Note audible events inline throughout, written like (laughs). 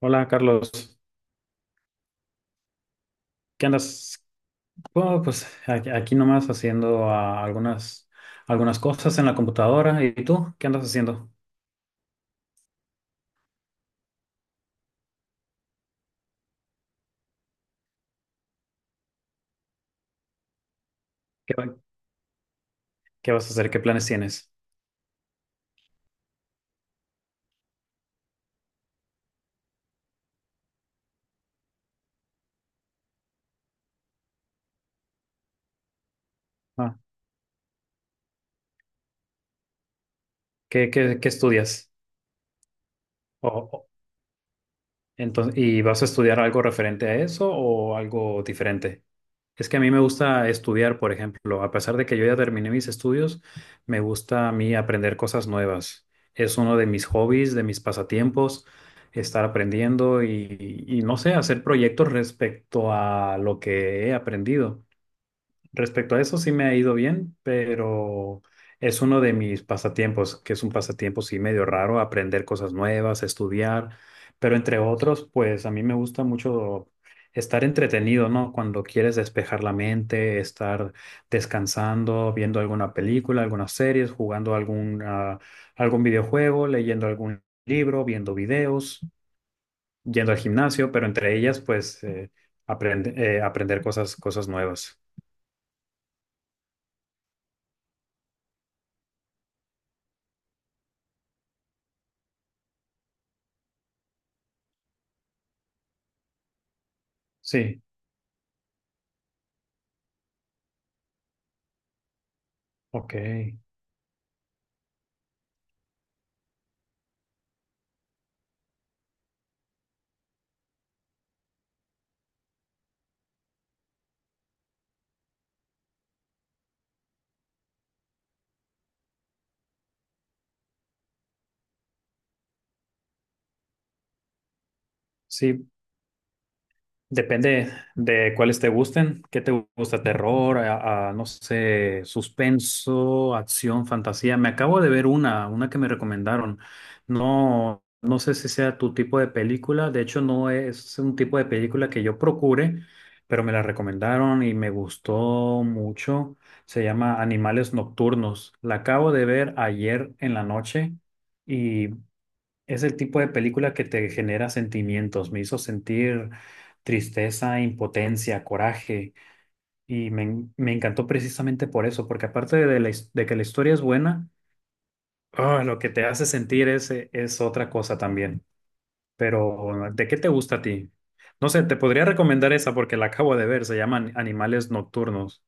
Hola Carlos, ¿qué andas? Bueno, pues aquí nomás haciendo algunas cosas en la computadora. ¿Y tú qué andas haciendo? ¿Qué, va- qué vas a hacer? ¿Qué planes tienes? Ah, ¿Qué estudias? O, o- entonces, ¿y vas a estudiar algo referente a eso o algo diferente? Es que a mí me gusta estudiar, por ejemplo, a pesar de que yo ya terminé mis estudios, me gusta a mí aprender cosas nuevas. Es uno de mis hobbies, de mis pasatiempos, estar aprendiendo y no sé, hacer proyectos respecto a lo que he aprendido. Respecto a eso, sí me ha ido bien, pero es uno de mis pasatiempos, que es un pasatiempo sí medio raro, aprender cosas nuevas, estudiar, pero entre otros, pues a mí me gusta mucho estar entretenido, ¿no? Cuando quieres despejar la mente, estar descansando, viendo alguna película, algunas series, jugando algún, algún videojuego, leyendo algún libro, viendo videos, yendo al gimnasio, pero entre ellas, pues aprender cosas, cosas nuevas. Sí. Ok, sí, depende de cuáles te gusten. ¿Qué te gusta? Terror, no sé, suspenso, acción, fantasía. Me acabo de ver una que me recomendaron. No, no sé si sea tu tipo de película. De hecho, no es un tipo de película que yo procure, pero me la recomendaron y me gustó mucho. Se llama Animales Nocturnos. La acabo de ver ayer en la noche. Es el tipo de película que te genera sentimientos. Me hizo sentir tristeza, impotencia, coraje. Y me encantó precisamente por eso, porque aparte de que la historia es buena, lo que te hace sentir es otra cosa también. Pero, ¿de qué te gusta a ti? No sé, te podría recomendar esa porque la acabo de ver. Se llaman Animales Nocturnos.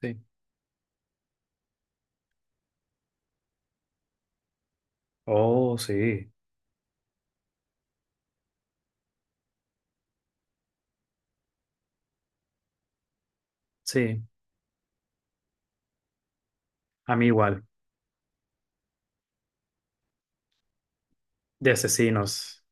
Sí. Oh, sí, sí, a mí igual, de asesinos.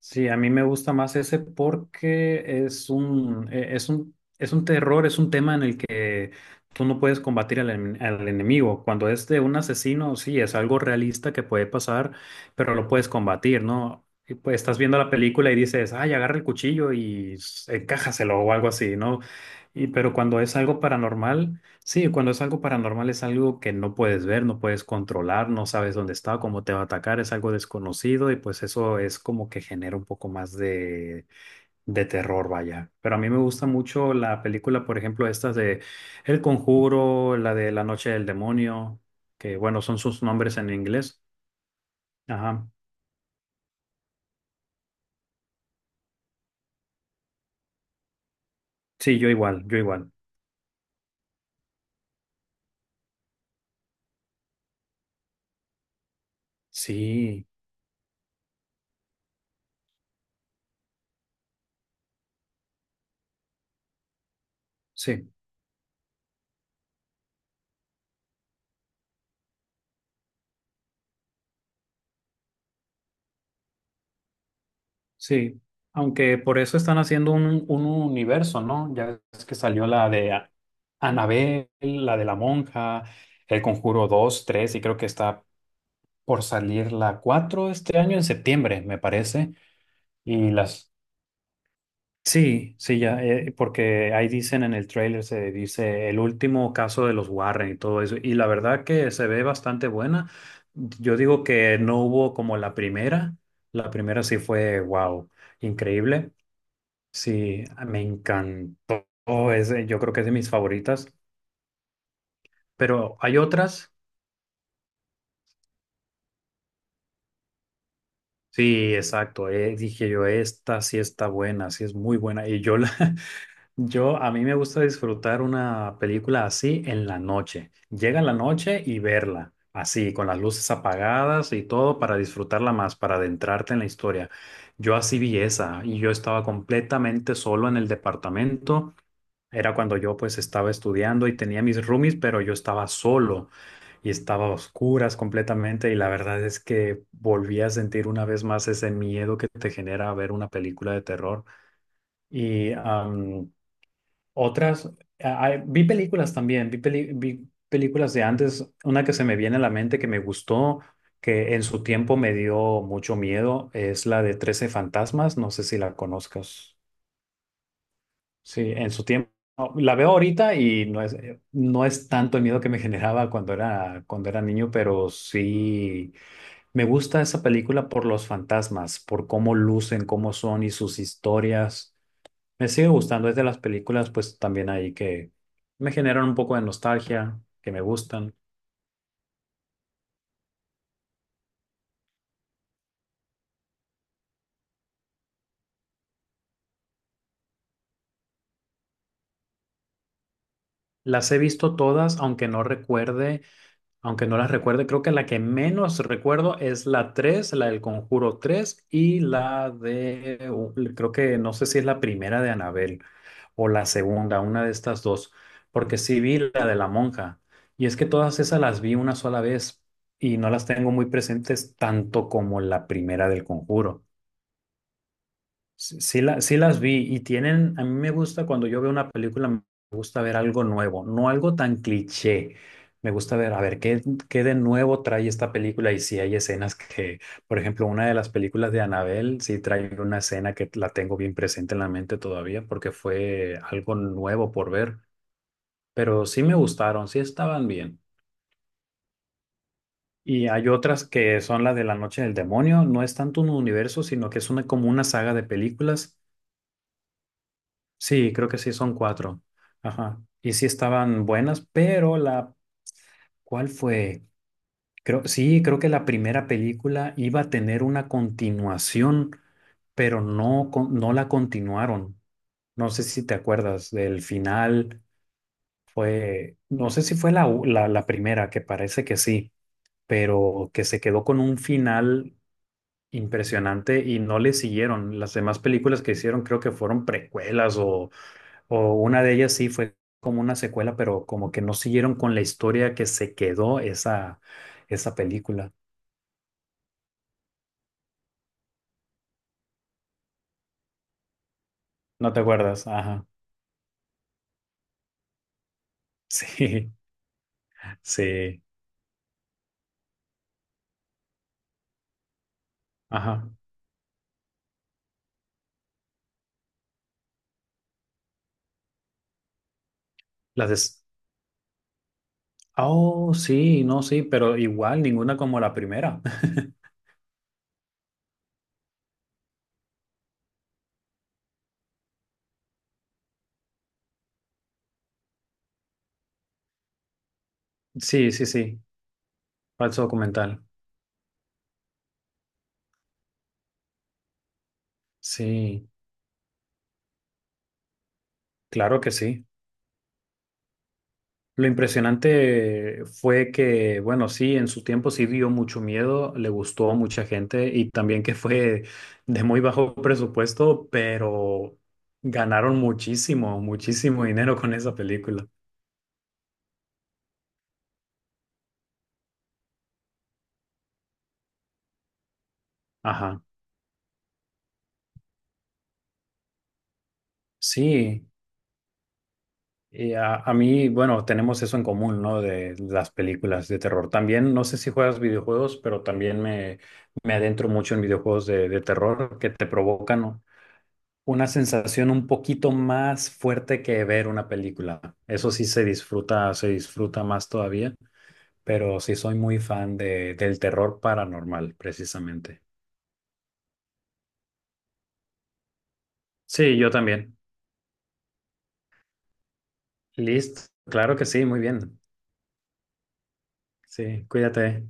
Sí, a mí me gusta más ese porque es un terror, es un tema en el que tú no puedes combatir al enemigo. Cuando es de un asesino, sí, es algo realista que puede pasar, pero lo puedes combatir, ¿no? Y pues estás viendo la película y dices, ay, agarra el cuchillo y encájaselo o algo así, ¿no? Y, pero cuando es algo paranormal. Sí, cuando es algo paranormal es algo que no puedes ver, no puedes controlar, no sabes dónde está, cómo te va a atacar, es algo desconocido y pues eso es como que genera un poco más de terror, vaya. Pero a mí me gusta mucho la película, por ejemplo, estas de El Conjuro, la de La Noche del Demonio, que bueno, son sus nombres en inglés. Ajá. Sí, yo igual, yo igual. Sí, sí. Sí, aunque por eso están haciendo un universo, ¿no? Ya es que salió la de Annabelle, la de la monja, El Conjuro dos, 3 y creo que está por salir la 4 este año en septiembre, me parece. Y las. Sí, sí, ya, porque ahí dicen en el tráiler, se dice el último caso de los Warren y todo eso. Y la verdad que se ve bastante buena. Yo digo que no hubo como la primera. La primera sí fue, wow, increíble. Sí, me encantó. Ese, yo creo que es de mis favoritas, pero hay otras. Sí, exacto. Dije yo, esta sí está buena, sí es muy buena. (laughs) A mí me gusta disfrutar una película así en la noche. Llega la noche y verla, así, con las luces apagadas y todo, para disfrutarla más, para adentrarte en la historia. Yo así vi esa y yo estaba completamente solo en el departamento. Era cuando yo pues estaba estudiando y tenía mis roomies, pero yo estaba solo y estaba a oscuras completamente y la verdad es que volví a sentir una vez más ese miedo que te genera ver una película de terror. Y am, otras, ah, ah, vi películas también, vi películas de antes, una que se me viene a la mente que me gustó, que en su tiempo me dio mucho miedo, es la de 13 fantasmas, no sé si la conozcas. Sí, en su tiempo. La veo ahorita y no es, no es tanto el miedo que me generaba cuando era niño, pero sí me gusta esa película por los fantasmas, por cómo lucen, cómo son y sus historias. Me sigue gustando, es de las películas pues también ahí que me generan un poco de nostalgia, que me gustan. Las he visto todas, aunque no recuerde. Aunque no las recuerde, creo que la que menos recuerdo es la 3, la del Conjuro 3 y la de, creo que no sé si es la primera de Anabel o la segunda, una de estas dos, porque sí vi la de la monja. Y es que todas esas las vi una sola vez y no las tengo muy presentes tanto como la primera del Conjuro. Sí, sí las vi y tienen, a mí me gusta cuando yo veo una película, me gusta ver algo nuevo, no algo tan cliché. Me gusta ver, a ver, qué de nuevo trae esta película y si hay escenas que, por ejemplo, una de las películas de Annabelle, sí trae una escena que la tengo bien presente en la mente todavía porque fue algo nuevo por ver, pero sí me gustaron, sí estaban bien. Y hay otras que son las de La Noche del Demonio, no es tanto un universo, sino que es una, como una saga de películas. Sí, creo que sí, son cuatro. Ajá. Y sí estaban buenas, pero la, ¿cuál fue? Creo, sí, creo que la primera película iba a tener una continuación, pero no, no la continuaron. No sé si te acuerdas del final, fue, no sé si fue la primera, que parece que sí, pero que se quedó con un final impresionante y no le siguieron. Las demás películas que hicieron creo que fueron precuelas. O una de ellas sí fue como una secuela, pero como que no siguieron con la historia que se quedó esa película. ¿No te acuerdas? Ajá. Sí, (laughs) sí. Ajá. Las des. Oh, sí, no, sí, pero igual ninguna como la primera. (laughs) Sí, sí, sí. Falso documental. Sí, claro que sí. Lo impresionante fue que, bueno, sí, en su tiempo sí dio mucho miedo, le gustó a mucha gente y también que fue de muy bajo presupuesto, pero ganaron muchísimo, muchísimo dinero con esa película. Ajá, sí. Y a mí, bueno, tenemos eso en común, ¿no? De las películas de terror. También, no sé si juegas videojuegos, pero también me adentro mucho en videojuegos de terror que te provocan, ¿no? Una sensación un poquito más fuerte que ver una película. Eso sí se disfruta más todavía, pero sí soy muy fan de, del terror paranormal, precisamente. Sí, yo también. Listo. Claro que sí, muy bien. Sí, cuídate.